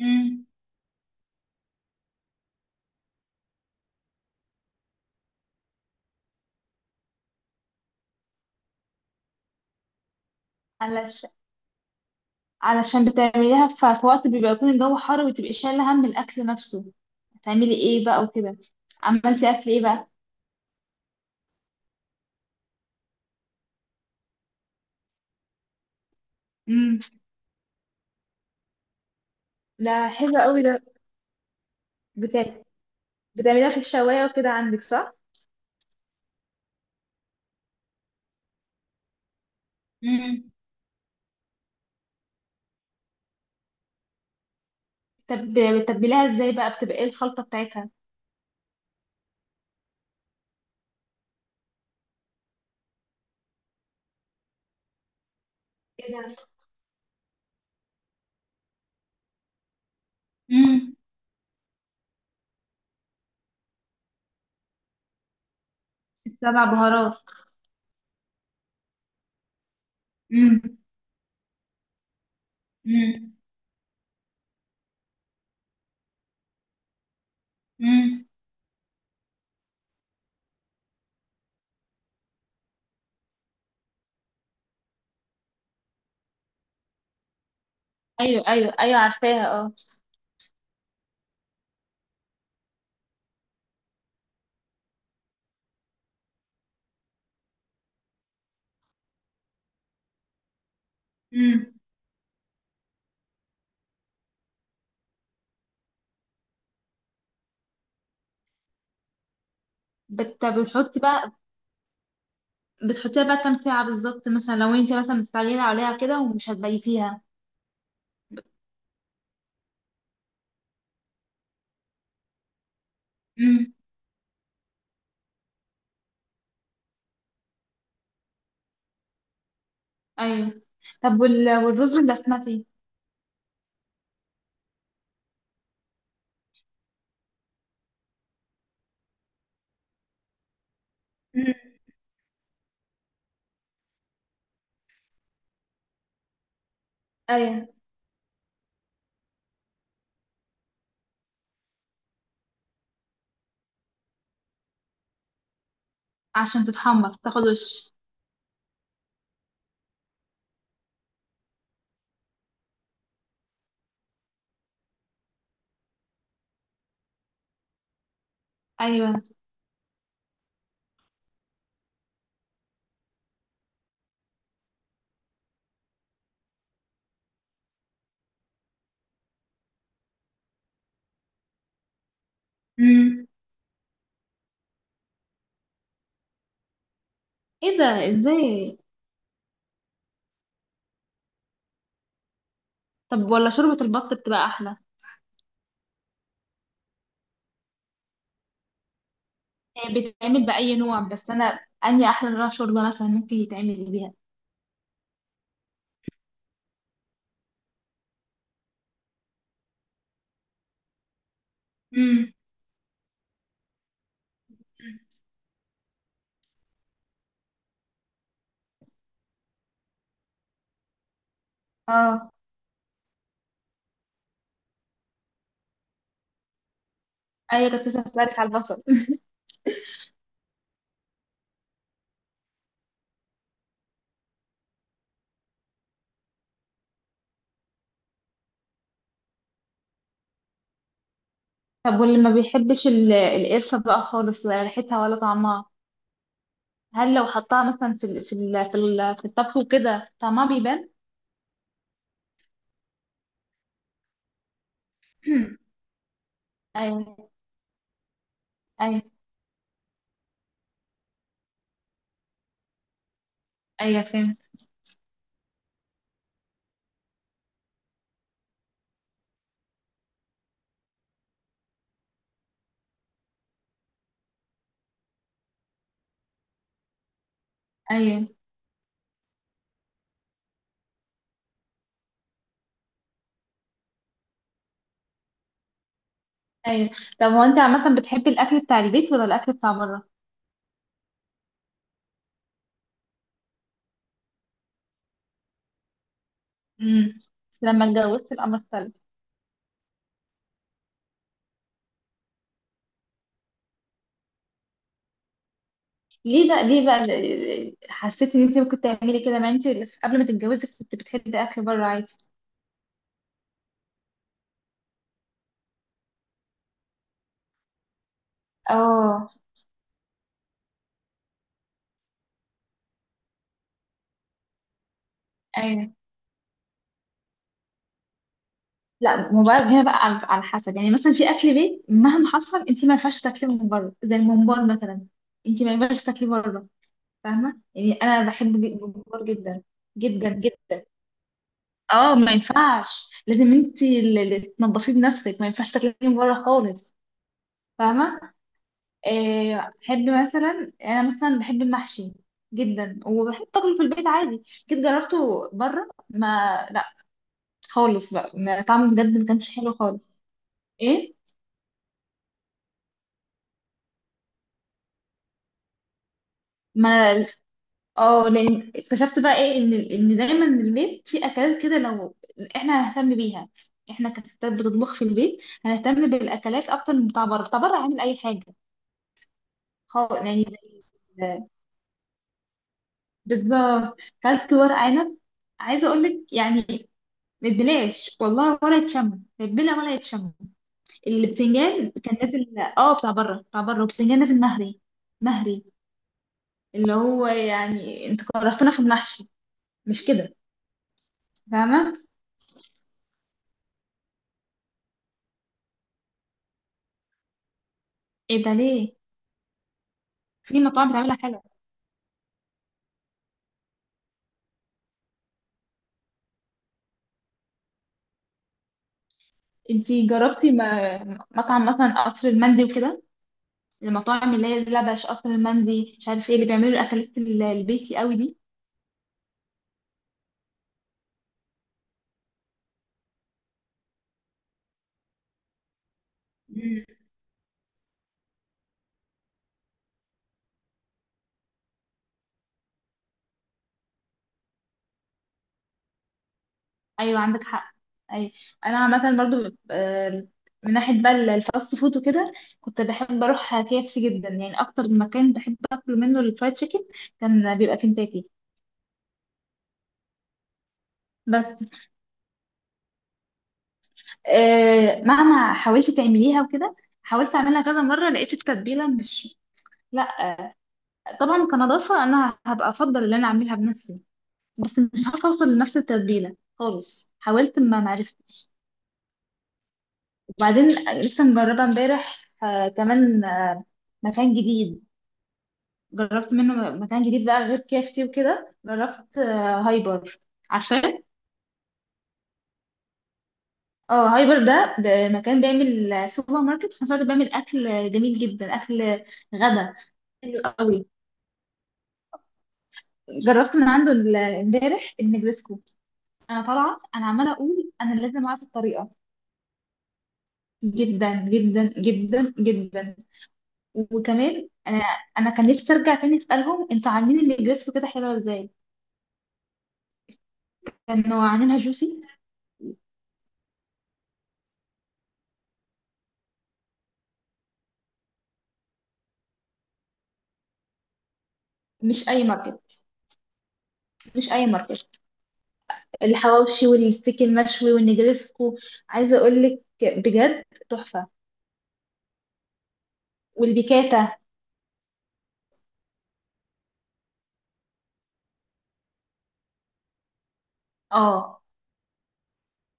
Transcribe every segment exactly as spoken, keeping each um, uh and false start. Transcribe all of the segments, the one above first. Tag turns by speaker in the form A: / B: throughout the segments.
A: امم علشان علشان بتعمليها ف- في وقت بيبقى يكون الجو حر وتبقي شايله هم الاكل نفسه. هتعملي ايه بقى وكده؟ عملتي اكل ايه بقى؟ امم ده حلو قوي ده. بتاع بتعمليها في الشوايه وكده عندك، صح؟ امم طب بتتبليها ازاي بقى؟ بتبقى ايه الخلطه بتاعتها؟ ايه ده؟ امم السبع بهارات. امم. امم. امم. ايوه ايوه ايوه، عارفاها، اه. امم بت... بتحطي بقى، بتحطيها بقى كام ساعة بالظبط مثلا لو انت مثلا مستعجلة عليها كده ومش هتبيتيها؟ امم. ايوه. طب وال... والرز البسمتي؟ امم. ايوه، عشان تتحمر تاخد وش. ايوه. امم ايه ده؟ ازاي؟ طب ولا شوربة البط بتبقى احلى؟ هي بتتعمل بأي نوع، بس انا اني احلى نوع شوربة مثلا ممكن يتعمل بيها؟ امم. اه. ايوه كنت لسه هسألك على البصل. طب واللي ما بيحبش ال- القرفة بقى خالص، ولا ريحتها ولا طعمها، هل لو حطها مثلا في ال في ال في, ال في الطبخ وكده طعمها بيبان؟ ايوه. ايوه ايوه فهمت. ايوه ايوه. طب هو انت عامه بتحبي الاكل بتاع البيت ولا الاكل بتاع بره؟ امم لما اتجوزت الامر اختلف. ليه بقى؟ ليه بقى ال- ال- حسيتي ان انت ممكن تعملي كده؟ ما انت قبل ما تتجوزي كنت بتحبي اكل بره عادي. اه. ايوه. لا موبايل هنا بقى، على على حسب، يعني مثلا في اكل بيت مهما حصل انت ما ينفعش تاكليه من بره، زي الممبار مثلا، انت ما ينفعش تاكليه بره. فاهمة؟ يعني أنا بحب ج- جمهور جدا، جدا جدا. اه، ما ينفعش، لازم انت اللي اللي تنضفيه بنفسك، ما ينفعش تاكليه من بره خالص. فاهمة؟ آه، أحب مثلا، أنا مثلا بحب المحشي جدا، وبحب أكله في البيت عادي. جيت جربته بره، ما، لا، خالص بقى، ما طعمه بجد ما كانش حلو خالص. ايه، ما، اه، لان اكتشفت بقى ايه ان ان دايما البيت فيه اكلات كده، لو احنا هنهتم بيها، احنا كستات بتطبخ في البيت هنهتم بالاكلات اكتر من بتاع بره. بتاع بره هعمل اي حاجه، خالص يعني. زي ال- بالظبط كلت ورق عنب، عايزه اقول لك يعني ما اتبلعش والله، ولا يتشم، لا يتبلع ولا يتشم. البتنجان كان نازل، اه، بتاع بره، بتاع بره، والبتنجان نازل مهري. مهري. اللي هو يعني انت كرهتنا في المحشي، مش كده؟ فاهمه؟ ايه ده ليه؟ في مطاعم بتعملها حلوة. انتي جربتي م- مطعم مثلا قصر المندي وكده، المطاعم اللي هي لبش قصر المندي، مش عارف ايه اللي بيعملوا الاكلات ال- البيسي قوي دي؟ مم. ايوه عندك حق. اي. انا عامه برضو، آه، من ناحيه بقى ال- الفاست فود وكده، كنت بحب اروح كي اف سي جدا، يعني اكتر مكان بحب اكل منه الفرايد تشيكن، كان بيبقى كنتاكي. بس آه، مهما حاولت تعمليها وكده، حاولت اعملها كذا مره لقيت التتبيله مش، لا، طبعا كنظافة أنا هبقى أفضل إن أنا أعملها بنفسي، بس مش عارفة أوصل لنفس التتبيلة خالص، حاولت ما معرفتش. وبعدين لسه مجربة امبارح آه كمان آه، مكان جديد، جربت منه مكان جديد بقى غير كيفسي وكده. جربت آه هايبر، عارفاه؟ اه هايبر ده ب- مكان بيعمل آه، سوبر ماركت، في نفس الوقت بيعمل أكل جميل جدا، أكل غدا حلو قوي. جربت من عنده ال- امبارح النجرسكو، أنا طالعة أنا عمالة أقول أنا لازم أعرف الطريقة. جدا جدا جدا جدا. وكمان انا، انا كان نفسي ارجع تاني اسالهم انتوا عاملين النجريسكو كده حلوه ازاي؟ كانوا عاملينها جوسي. مش اي ماركت، مش اي ماركت. الحواوشي والستيك المشوي والنجريسكو، عايزه اقول لك بجد، تحفه. والبيكاتا. اه،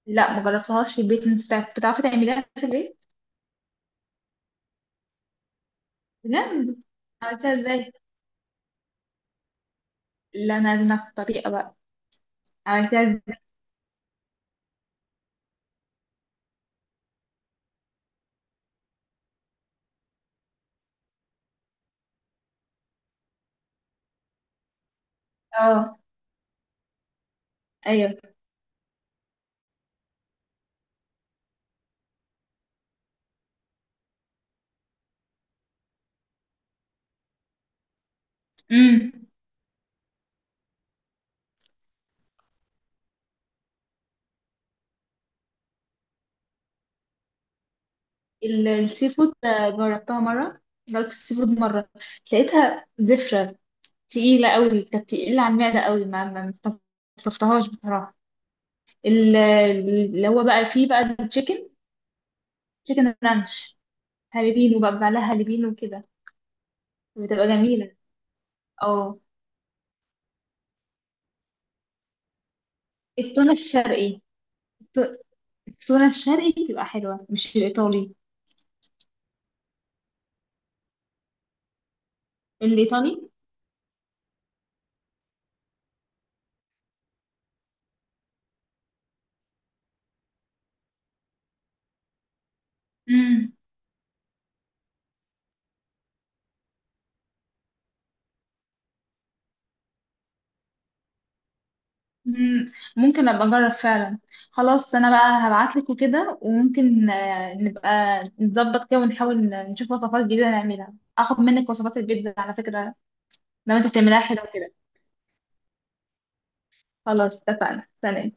A: لا مجربتهاش في البيت. انت بتعرفي تعمليها في البيت؟ بجد؟ عملتها ازاي؟ لا انا لازم اعرف الطريقه بقى. عملتها ازاي؟ اه. ايوه. امم. ال- السي فود آه، جربتها مرة. جربت السي فود مرة، لقيتها زفرة، تقيلة قوي، كانت تقيلة على المعدة قوي. ما ما ما استلطفتهاش بصراحة. ال- اللي هو بقى فيه بقى التشيكن، تشيكن رانش، هالبينو بقى، بعملها هالبينو وكده. بتبقى جميلة. اه. التونة الشرقي. الت- التونة الشرقي بتبقى حلوة مش الإيطالي. الإيطالي. مم. مم، ممكن ابقى اجرب فعلا. خلاص انا بقى هبعتلك وكده، وممكن آه، نبقى نظبط كده ونحاول ن- نشوف وصفات جديدة نعملها. اخد منك وصفات البيتزا على فكرة لما انت بتعمليها حلوة كده. خلاص اتفقنا، سلام.